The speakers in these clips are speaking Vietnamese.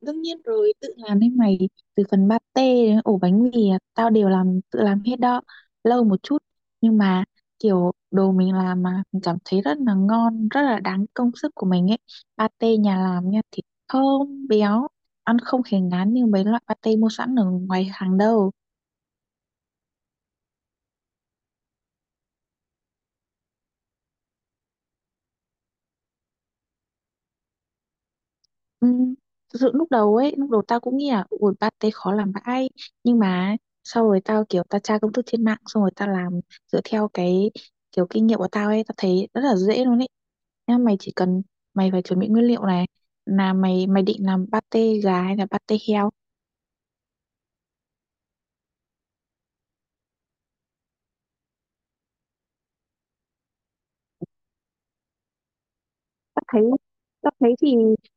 Đương nhiên rồi, tự làm đấy mày, từ phần pate đến ổ bánh mì, à, tao đều làm, tự làm hết đó. Lâu một chút, nhưng mà kiểu đồ mình làm mà mình cảm thấy rất là ngon, rất là đáng công sức của mình ấy. Pate nhà làm nha, thịt thơm, béo, ăn không hề ngán như mấy loại pate mua sẵn ở ngoài hàng đâu. Ừm, thực sự lúc đầu tao cũng nghĩ là ủi pate khó làm vãi, nhưng mà sau rồi tao kiểu tao tra công thức trên mạng xong rồi tao làm dựa theo cái kiểu kinh nghiệm của tao ấy, tao thấy rất là dễ luôn ấy. Nha, mày chỉ cần mày phải chuẩn bị nguyên liệu này, là mày mày định làm pate gà hay là pate heo. Tao thấy tao thấy thì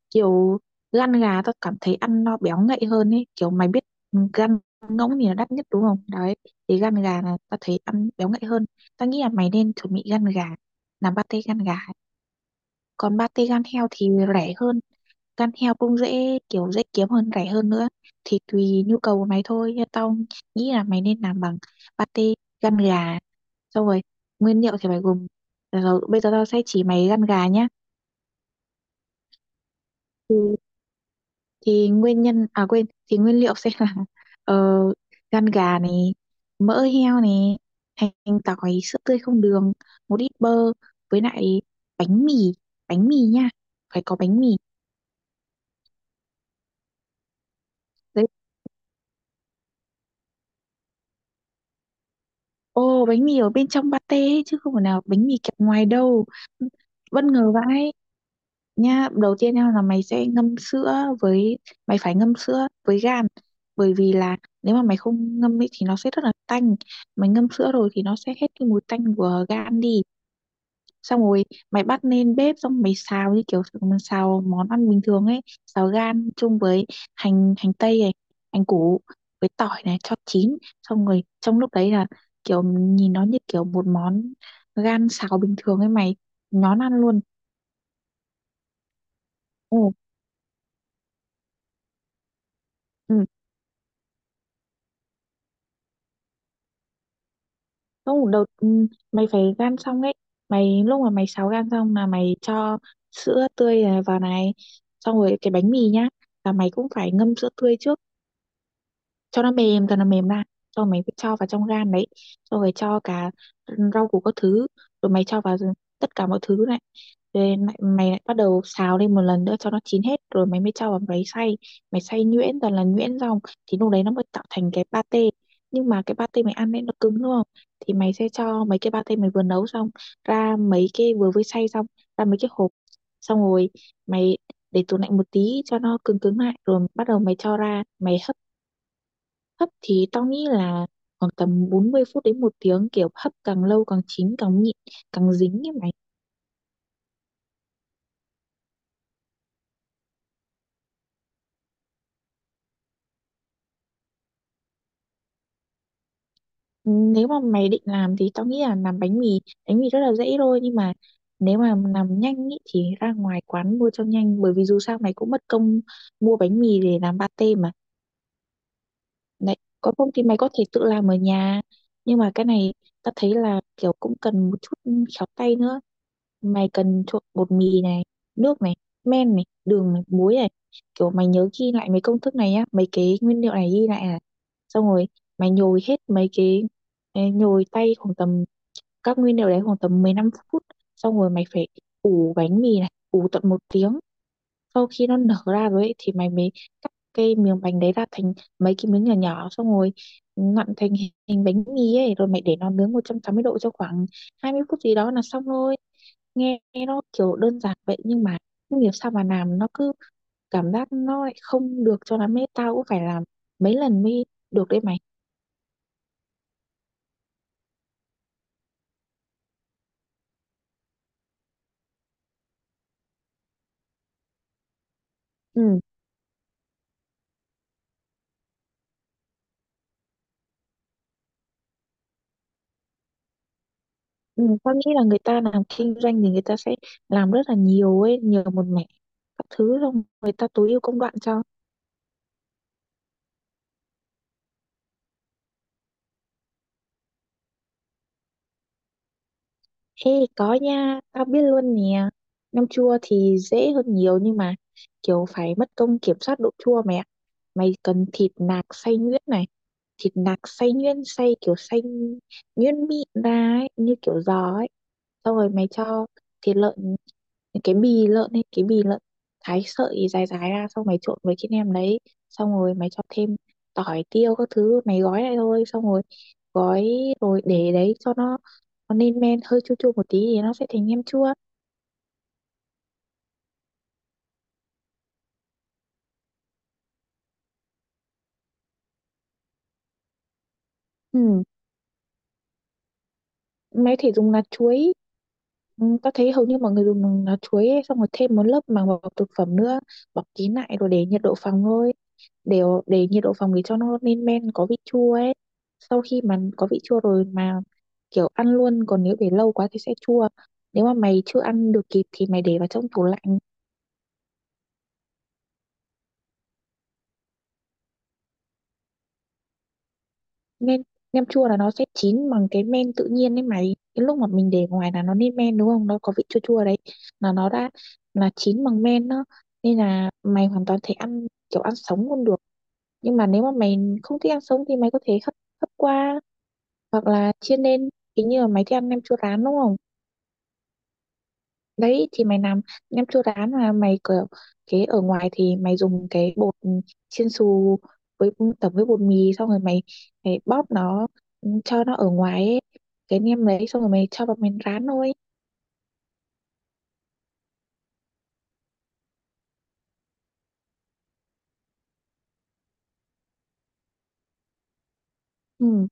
kiểu lăn gà tao cảm thấy ăn nó béo ngậy hơn ấy, kiểu mày biết, ừ, gan ngỗng thì là đắt nhất đúng không đấy, thì gan gà là tao thấy ăn béo ngậy hơn, tao nghĩ là mày nên chuẩn bị gan gà, làm pate gan gà. Còn pate gan heo thì rẻ hơn, gan heo cũng dễ kiểu dễ kiếm hơn, rẻ hơn nữa, thì tùy nhu cầu của mày thôi. Nhưng tao nghĩ là mày nên làm bằng pate gan gà. Xong rồi nguyên liệu thì mày gồm, rồi bây giờ tao sẽ chỉ mày gan gà nhá. Ừ, thì nguyên nhân à quên thì nguyên liệu sẽ là ờ, gan gà này, mỡ heo này, hành tỏi, sữa tươi không đường, một ít bơ, với lại bánh mì, bánh mì nha, phải có bánh mì đấy. Ô bánh mì ở bên trong pate ấy, chứ không phải nào bánh mì kẹp ngoài đâu, bất ngờ vãi. Nhá, đầu tiên nha là mày sẽ ngâm sữa, với mày phải ngâm sữa với gan, bởi vì là nếu mà mày không ngâm ấy thì nó sẽ rất là tanh, mày ngâm sữa rồi thì nó sẽ hết cái mùi tanh của gan đi. Xong rồi mày bắt lên bếp xong mày xào như kiểu mình xào món ăn bình thường ấy, xào gan chung với hành hành tây này, hành củ với tỏi này cho chín, xong rồi trong lúc đấy là kiểu nhìn nó như kiểu một món gan xào bình thường ấy mày, nhón ăn luôn. Ồ, ừ. Không, đầu mày phải gan xong ấy. Mày lúc mà mày sáo gan xong là mày cho sữa tươi này vào này, xong rồi cái bánh mì nhá, là mày cũng phải ngâm sữa tươi trước cho nó mềm, cho nó mềm ra, cho mày phải cho vào trong gan đấy, cho rồi cho cả rau củ các thứ, rồi mày cho vào tất cả mọi thứ này, rồi lại, mày lại bắt đầu xào lên một lần nữa cho nó chín hết rồi mày mới cho vào máy xay, mày xay nhuyễn toàn là nhuyễn xong thì lúc đấy nó mới tạo thành cái pate. Nhưng mà cái pate mày ăn ấy nó cứng đúng không, thì mày sẽ cho mấy cái pate mày vừa nấu xong ra mấy cái vừa mới xay xong ra mấy cái hộp, xong rồi mày để tủ lạnh một tí cho nó cứng cứng lại rồi bắt đầu mày cho ra mày. Hấp thì tao nghĩ là khoảng tầm 40 phút đến 1 tiếng, kiểu hấp càng lâu càng chín càng nhịn, càng dính ấy mày. Nếu mà mày định làm thì tao nghĩ là làm bánh mì rất là dễ thôi nhưng mà nếu mà làm nhanh ý, thì ra ngoài quán mua cho nhanh bởi vì dù sao mày cũng mất công mua bánh mì để làm pate mà. Đấy, còn không thì mày có thể tự làm ở nhà. Nhưng mà cái này ta thấy là kiểu cũng cần một chút khéo tay nữa. Mày cần trộn bột mì này, nước này, men này, đường này, muối này. Kiểu mày nhớ ghi lại mấy công thức này nhá, mấy cái nguyên liệu này ghi lại này. Xong rồi mày nhồi hết mấy cái nhồi tay khoảng tầm các nguyên liệu đấy khoảng tầm 15 phút. Xong rồi mày phải ủ bánh mì này, ủ tận 1 tiếng, sau khi nó nở ra rồi ấy, thì mày mới cắt cái miếng bánh đấy ra thành mấy cái miếng nhỏ nhỏ xong rồi nặn thành hình hình bánh mì ấy rồi mày để nó nướng 180 độ cho khoảng 20 phút gì đó là xong rồi, nghe nó kiểu đơn giản vậy nhưng mà không hiểu sao mà làm nó cứ cảm giác nó lại không được cho lắm ấy, tao cũng phải làm mấy lần mới được đấy mày. Ừ, ừ tao nghĩ là người ta làm kinh doanh thì người ta sẽ làm rất là nhiều ấy, nhiều một mẻ các thứ, xong người ta tối ưu công đoạn cho. Ê có nha, tao biết luôn nè. Nem chua thì dễ hơn nhiều nhưng mà kiểu phải mất công kiểm soát độ chua mẹ. Mày cần thịt nạc xay nhuyễn này, thịt nạc xay nhuyễn xay kiểu xay nhuyễn mịn ra ấy, như kiểu giò ấy. Xong rồi mày cho thịt lợn, cái bì lợn ấy, cái bì lợn thái sợi dài dài ra, xong mày trộn với cái nem đấy, xong rồi mày cho thêm tỏi tiêu các thứ, mày gói lại thôi, xong rồi gói rồi để đấy cho nó lên men hơi chua chua một tí thì nó sẽ thành nem chua. Ừ, mẹ có thể dùng lá chuối, ừ, ta thấy hầu như mọi người dùng lá chuối ấy, xong rồi thêm một lớp màng bọc thực phẩm nữa, bọc kín lại rồi để nhiệt độ phòng thôi, để nhiệt độ phòng để cho nó lên men có vị chua ấy, sau khi mà có vị chua rồi mà kiểu ăn luôn, còn nếu để lâu quá thì sẽ chua, nếu mà mày chưa ăn được kịp thì mày để vào trong tủ lạnh. Nem Nem chua là nó sẽ chín bằng cái men tự nhiên đấy mày, cái lúc mà mình để ngoài là nó lên men đúng không, nó có vị chua chua đấy là nó đã là chín bằng men đó, nên là mày hoàn toàn thể ăn kiểu ăn sống luôn được. Nhưng mà nếu mà mày không thích ăn sống thì mày có thể hấp, hấp qua hoặc là chiên lên, cái như là mày thích ăn nem chua rán đúng không. Đấy thì mày làm nem chua rán mà mày kiểu cái ở ngoài thì mày dùng cái bột chiên xù với tẩm với bột mì, xong rồi mày, mày bóp nó, ừ, cho nó ở ngoài ấy. Cái nem đấy xong rồi mày cho vào mình rán thôi. Ừ.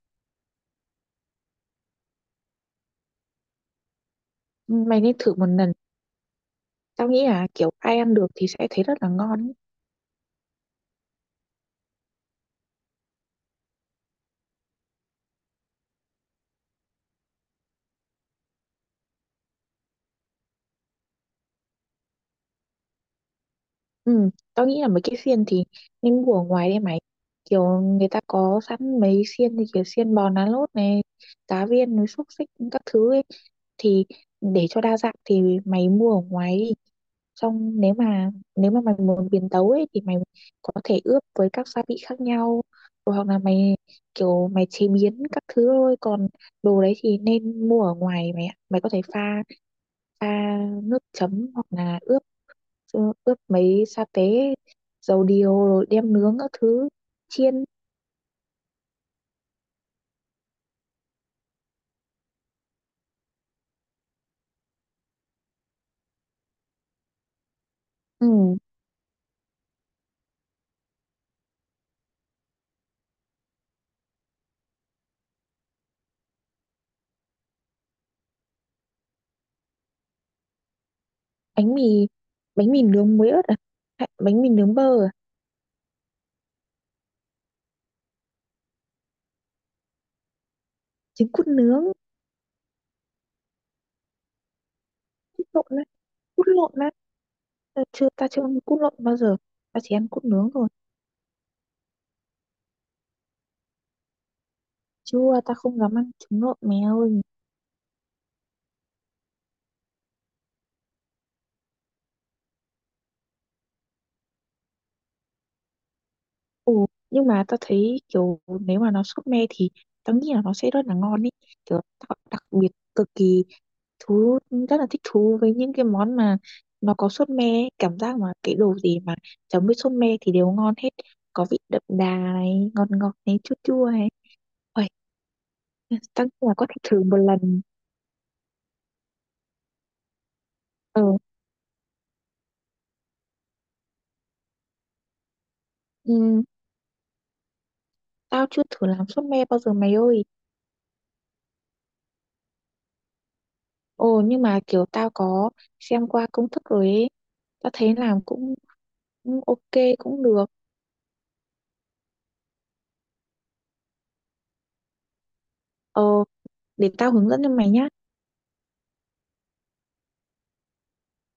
Mày nên thử một lần. Tao nghĩ là kiểu ai ăn được thì sẽ thấy rất là ngon. Ừ, tao nghĩ là mấy cái xiên thì nên mua ở ngoài đi mày. Kiểu người ta có sẵn mấy xiên thì kiểu xiên bò nán lốt này, cá viên, núi xúc xích các thứ ấy. Thì để cho đa dạng thì mày mua ở ngoài đi. Xong nếu mà mày muốn biến tấu ấy thì mày có thể ướp với các gia vị khác nhau. Rồi hoặc là mày kiểu mày chế biến các thứ thôi. Còn đồ đấy thì nên mua ở ngoài mày ạ. Mày có thể pha pha nước chấm hoặc là ướp, ướp mấy sa tế dầu điều rồi đem nướng các thứ, chiên. Ừ. Bánh mì, bánh mì nướng muối ớt à, hay bánh mì nướng bơ à? Trứng cút nướng. Cút lộn á. Cút lộn á. Ờ, chưa, ta chưa ăn cút lộn bao giờ, ta chỉ ăn cút nướng thôi. Chưa, ta không dám ăn trứng lộn mèo. Ừ, nhưng mà tao thấy kiểu nếu mà nó súp me thì tao nghĩ là nó sẽ rất là ngon ý, kiểu tao đặc biệt cực kỳ thú, rất là thích thú với những cái món mà nó có sốt me ấy. Cảm giác mà cái đồ gì mà chấm với sốt me thì đều ngon hết, có vị đậm đà này, ngọt ngọt này, chua chua này. Uầy, tao nghĩ là có thể thử một lần. ờ ừ, tao chưa thử làm sốt me bao giờ mày ơi. Ồ nhưng mà kiểu tao có xem qua công thức rồi ấy, tao thấy làm cũng cũng ok, cũng được. Ờ, để tao hướng dẫn cho mày nhá.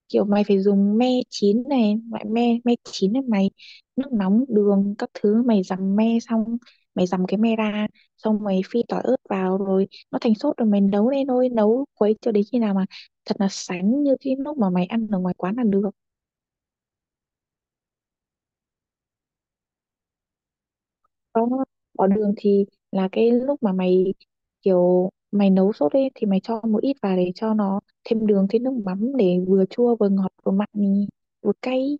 Kiểu mày phải dùng me chín này, loại me me chín này mày, nước nóng, đường các thứ mày dằm me xong, mày dằm cái me ra, xong mày phi tỏi ớt vào rồi nó thành sốt rồi mày nấu lên thôi, nấu quấy cho đến khi nào mà thật là sánh như cái lúc mà mày ăn ở ngoài quán là được. Có, bỏ đường thì là cái lúc mà mày kiểu mày nấu sốt ấy thì mày cho một ít vào để cho nó thêm đường, thêm nước mắm để vừa chua vừa ngọt vừa mặn vừa cay.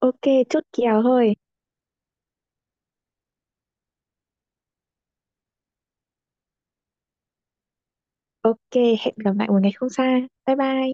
Ok, chốt kèo thôi. Ok, hẹn gặp lại một ngày không xa. Bye bye.